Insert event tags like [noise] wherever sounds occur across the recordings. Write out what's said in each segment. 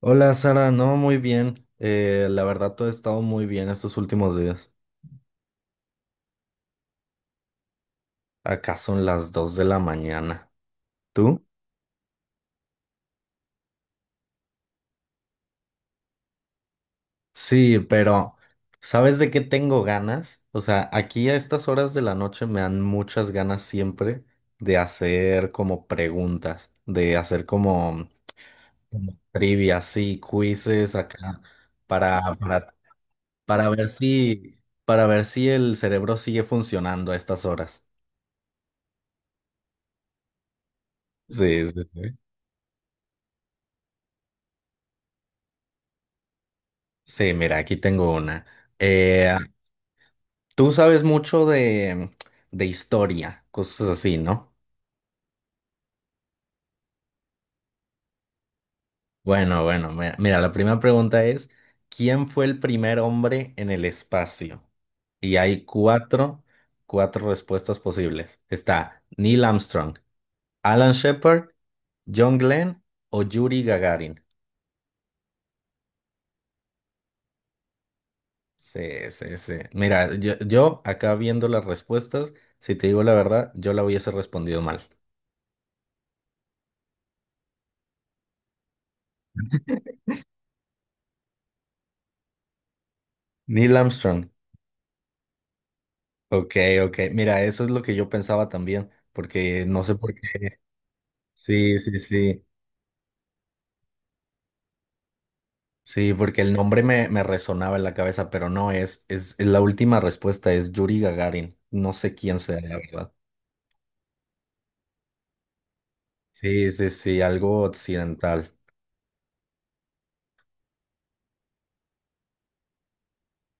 Hola Sara, no, muy bien. La verdad todo ha estado muy bien estos últimos días. Acá son las 2 de la mañana. ¿Tú? Sí, pero ¿sabes de qué tengo ganas? O sea, aquí a estas horas de la noche me dan muchas ganas siempre de hacer como preguntas, de hacer como, como trivias, sí, quizzes acá para, para, para ver si, para ver si el cerebro sigue funcionando a estas horas. Sí, sí, sí. Sí, mira, aquí tengo una. Eh, Tú sabes mucho de historia, cosas así, ¿no? Bueno, bueno, mira, mira, la primera pregunta es, ¿quién fue el primer hombre en el espacio? Y hay 4 respuestas posibles. Está Neil Armstrong, Alan Shepard, John Glenn o Yuri Gagarin. Sí, sí, sí. Mira, yo acá viendo las respuestas, si te digo la verdad, yo la hubiese respondido mal. Neil Armstrong. Ok, ok. Mira, eso es lo que yo pensaba también, porque no sé por qué. Sí, sí, sí. Sí, porque el nombre me resonaba en la cabeza, pero no, es, la última respuesta es Yuri Gagarin. No sé quién sea, la verdad. Sí, sí, sí, algo occidental.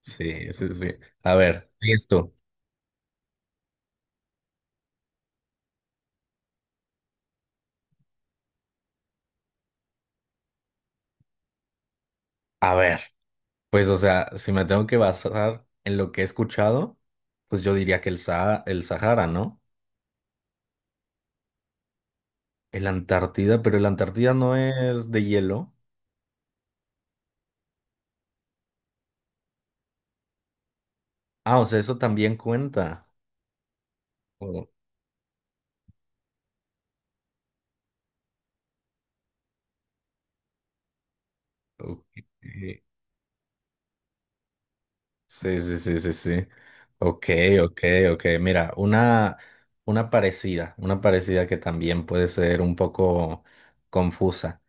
Sí, sí, sí. A ver, listo. A ver, pues, o sea, si me tengo que basar en lo que he escuchado, pues yo diría que el Sa- el Sahara, ¿no? El Antártida, pero el Antártida no es de hielo. Ah, o sea, eso también cuenta. Oh, ok. Sí, sí, sí, sí, sí. Ok, ok, ok. Mira, una parecida que también puede ser un poco confusa.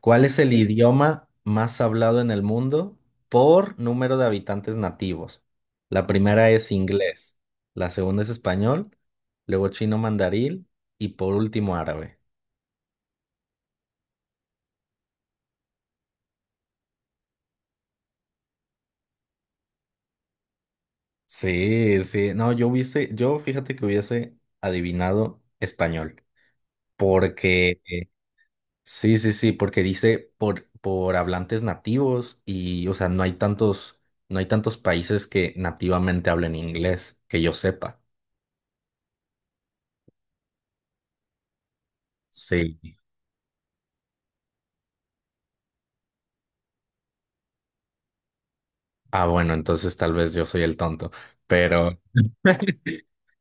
¿Cuál es el Sí. idioma más hablado en el mundo por número de habitantes nativos? La primera es inglés, la segunda es español, luego chino mandarín y por último árabe. Sí, sí. No, yo hubiese, yo fíjate que hubiese adivinado español. Porque, sí, sí, sí, porque dice por hablantes nativos y, o sea, no hay tantos, no hay tantos países que nativamente hablen inglés, que yo sepa. Sí. Ah, bueno, entonces tal vez yo soy el tonto, pero...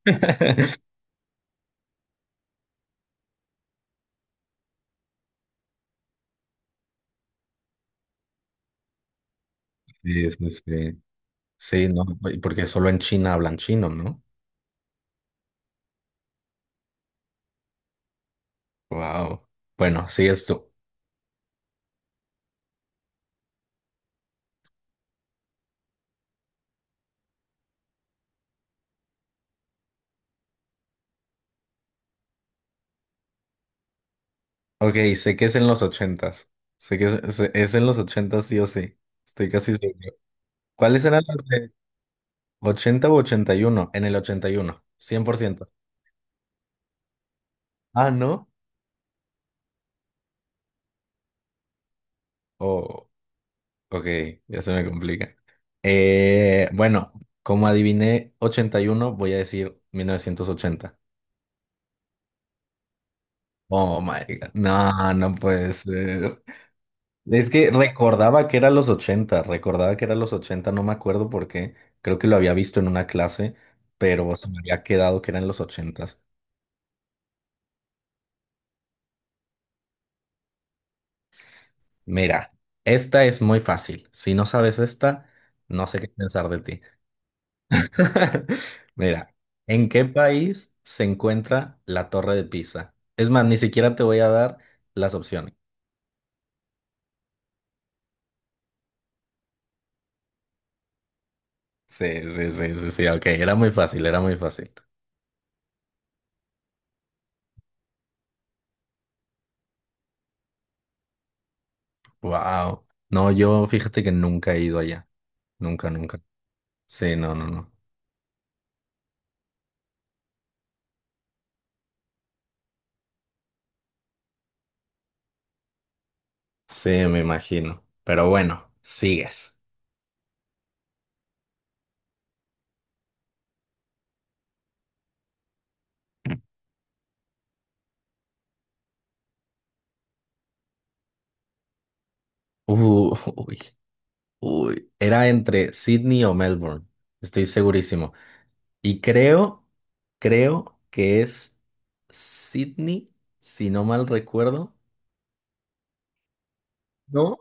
[laughs] Sí, sí, sí. Sí, no, porque solo en China hablan chino, ¿no? Wow. Bueno, sí, es tú. Ok, sé que es en los 80. Sé que es, se- es en los 80 sí o sí. Estoy casi seguro. ¿Cuáles eran los de 80 u 81? En el 81, cien por ciento. Ah, ¿no? Oh, ok, ya se me complica. Bueno, como adiviné 81, voy a decir 1980. Oh my God. No, no puede ser. Es que recordaba que era los 80, recordaba que era los 80. No me acuerdo por qué, creo que lo había visto en una clase, pero se me había quedado que eran los 80. Mira, esta es muy fácil, si no sabes esta, no sé qué pensar de ti. [laughs] Mira, ¿en qué país se encuentra la Torre de Pisa? Es más, ni siquiera te voy a dar las opciones. Sí, sí, sí, sí, sí, ok, era muy fácil, era muy fácil. Wow. No, yo fíjate que nunca he ido allá, nunca, nunca. Sí, no, no, no. Sí, me imagino. Pero bueno, sigues. [laughs] Uy, uy. Era entre Sydney o Melbourne. Estoy segurísimo. Y creo, creo que es Sydney, si no mal recuerdo. ¿No?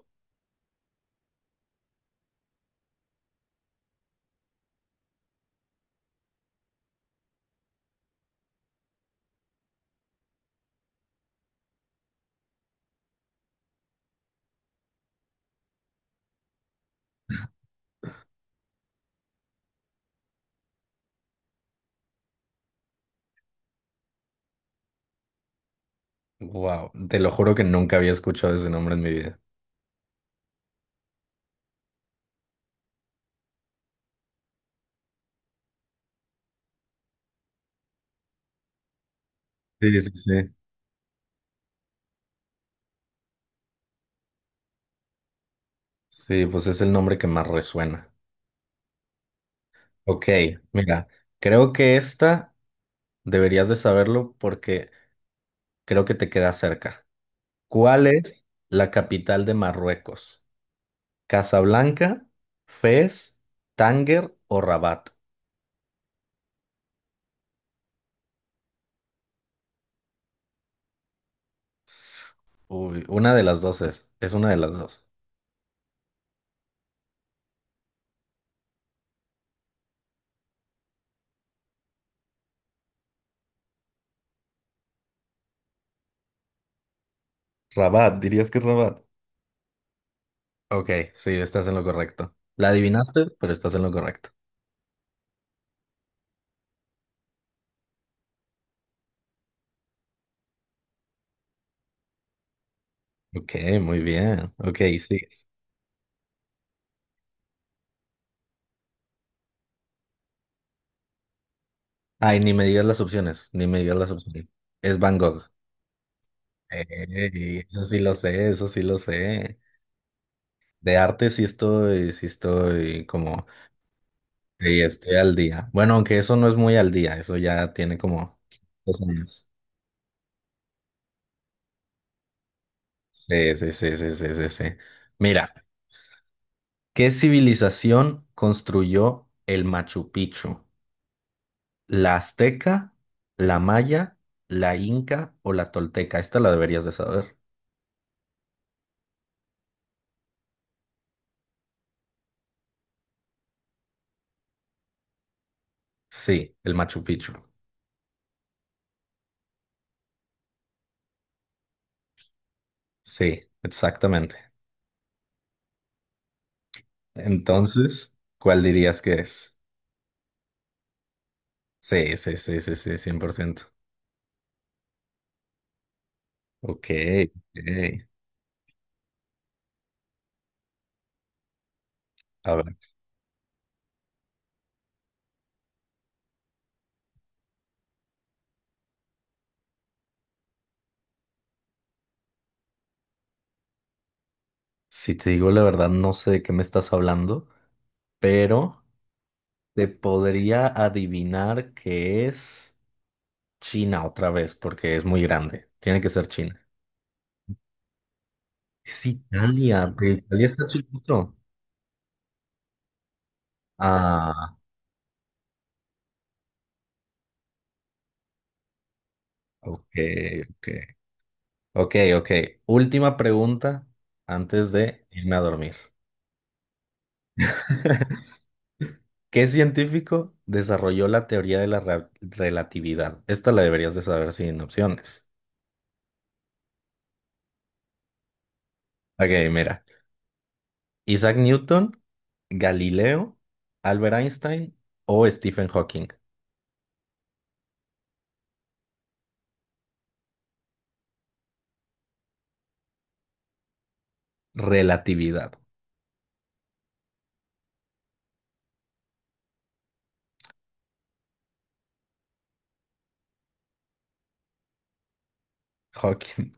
Wow, te lo juro que nunca había escuchado ese nombre en mi vida. Sí, sí, sí. Sí, pues es el nombre que más resuena. Ok, mira, creo que esta deberías de saberlo porque creo que te queda cerca. ¿Cuál es la capital de Marruecos? ¿Casablanca, Fez, Tánger o Rabat? Uy, una de las dos es. Es una de las dos. Rabat, dirías que es Rabat. Ok, sí, estás en lo correcto. La adivinaste, pero estás en lo correcto. Ok, muy bien. Ok, sigues. Ay, ni me digas las opciones, ni me digas las opciones. Es Van Gogh. Ey, eso sí lo sé, eso sí lo sé. De arte sí estoy como sí, estoy al día. Bueno, aunque eso no es muy al día, eso ya tiene como 2 años. Sí, sí, sí, sí, sí, sí, sí. Mira, ¿qué civilización construyó el Machu Picchu? ¿La azteca, la maya, la inca o la tolteca? Esta la deberías de saber. Sí, el Machu Picchu. Sí, exactamente. Entonces, ¿cuál dirías que es? Sí, sí, sí, sí, sí, 100%. Ok, ok. A ver. Si te digo la verdad, no sé de qué me estás hablando, pero te podría adivinar que es China otra vez, porque es muy grande. Tiene que ser China. Es Italia, pero Italia está chiquito. Ah, ok, ok. Ok, ok. Última pregunta antes de irme a dormir. [laughs] ¿Qué científico desarrolló la teoría de la re- relatividad? Esta la deberías de saber sin opciones. Ok, mira. Isaac Newton. Galileo, Albert Einstein o Stephen Hawking. Relatividad. Hawking.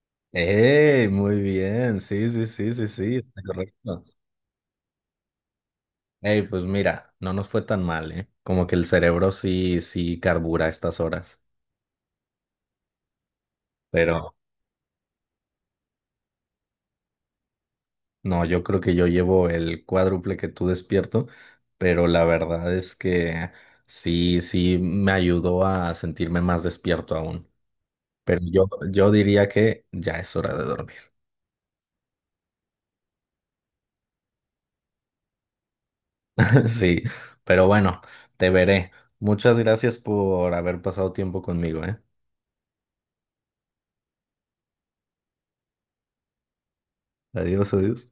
[laughs] ¡Ey! Muy bien. Sí, sí, sí, sí, sí. Está correcto. ¡Ey! Pues mira, no nos fue tan mal, ¿eh? Como que el cerebro sí, sí carbura a estas horas. Pero no, yo creo que yo llevo el cuádruple que tú despierto, pero la verdad es que sí, sí me ayudó a sentirme más despierto aún. Pero yo diría que ya es hora de dormir. Sí, pero bueno, te veré. Muchas gracias por haber pasado tiempo conmigo, ¿eh? Adiós, adiós.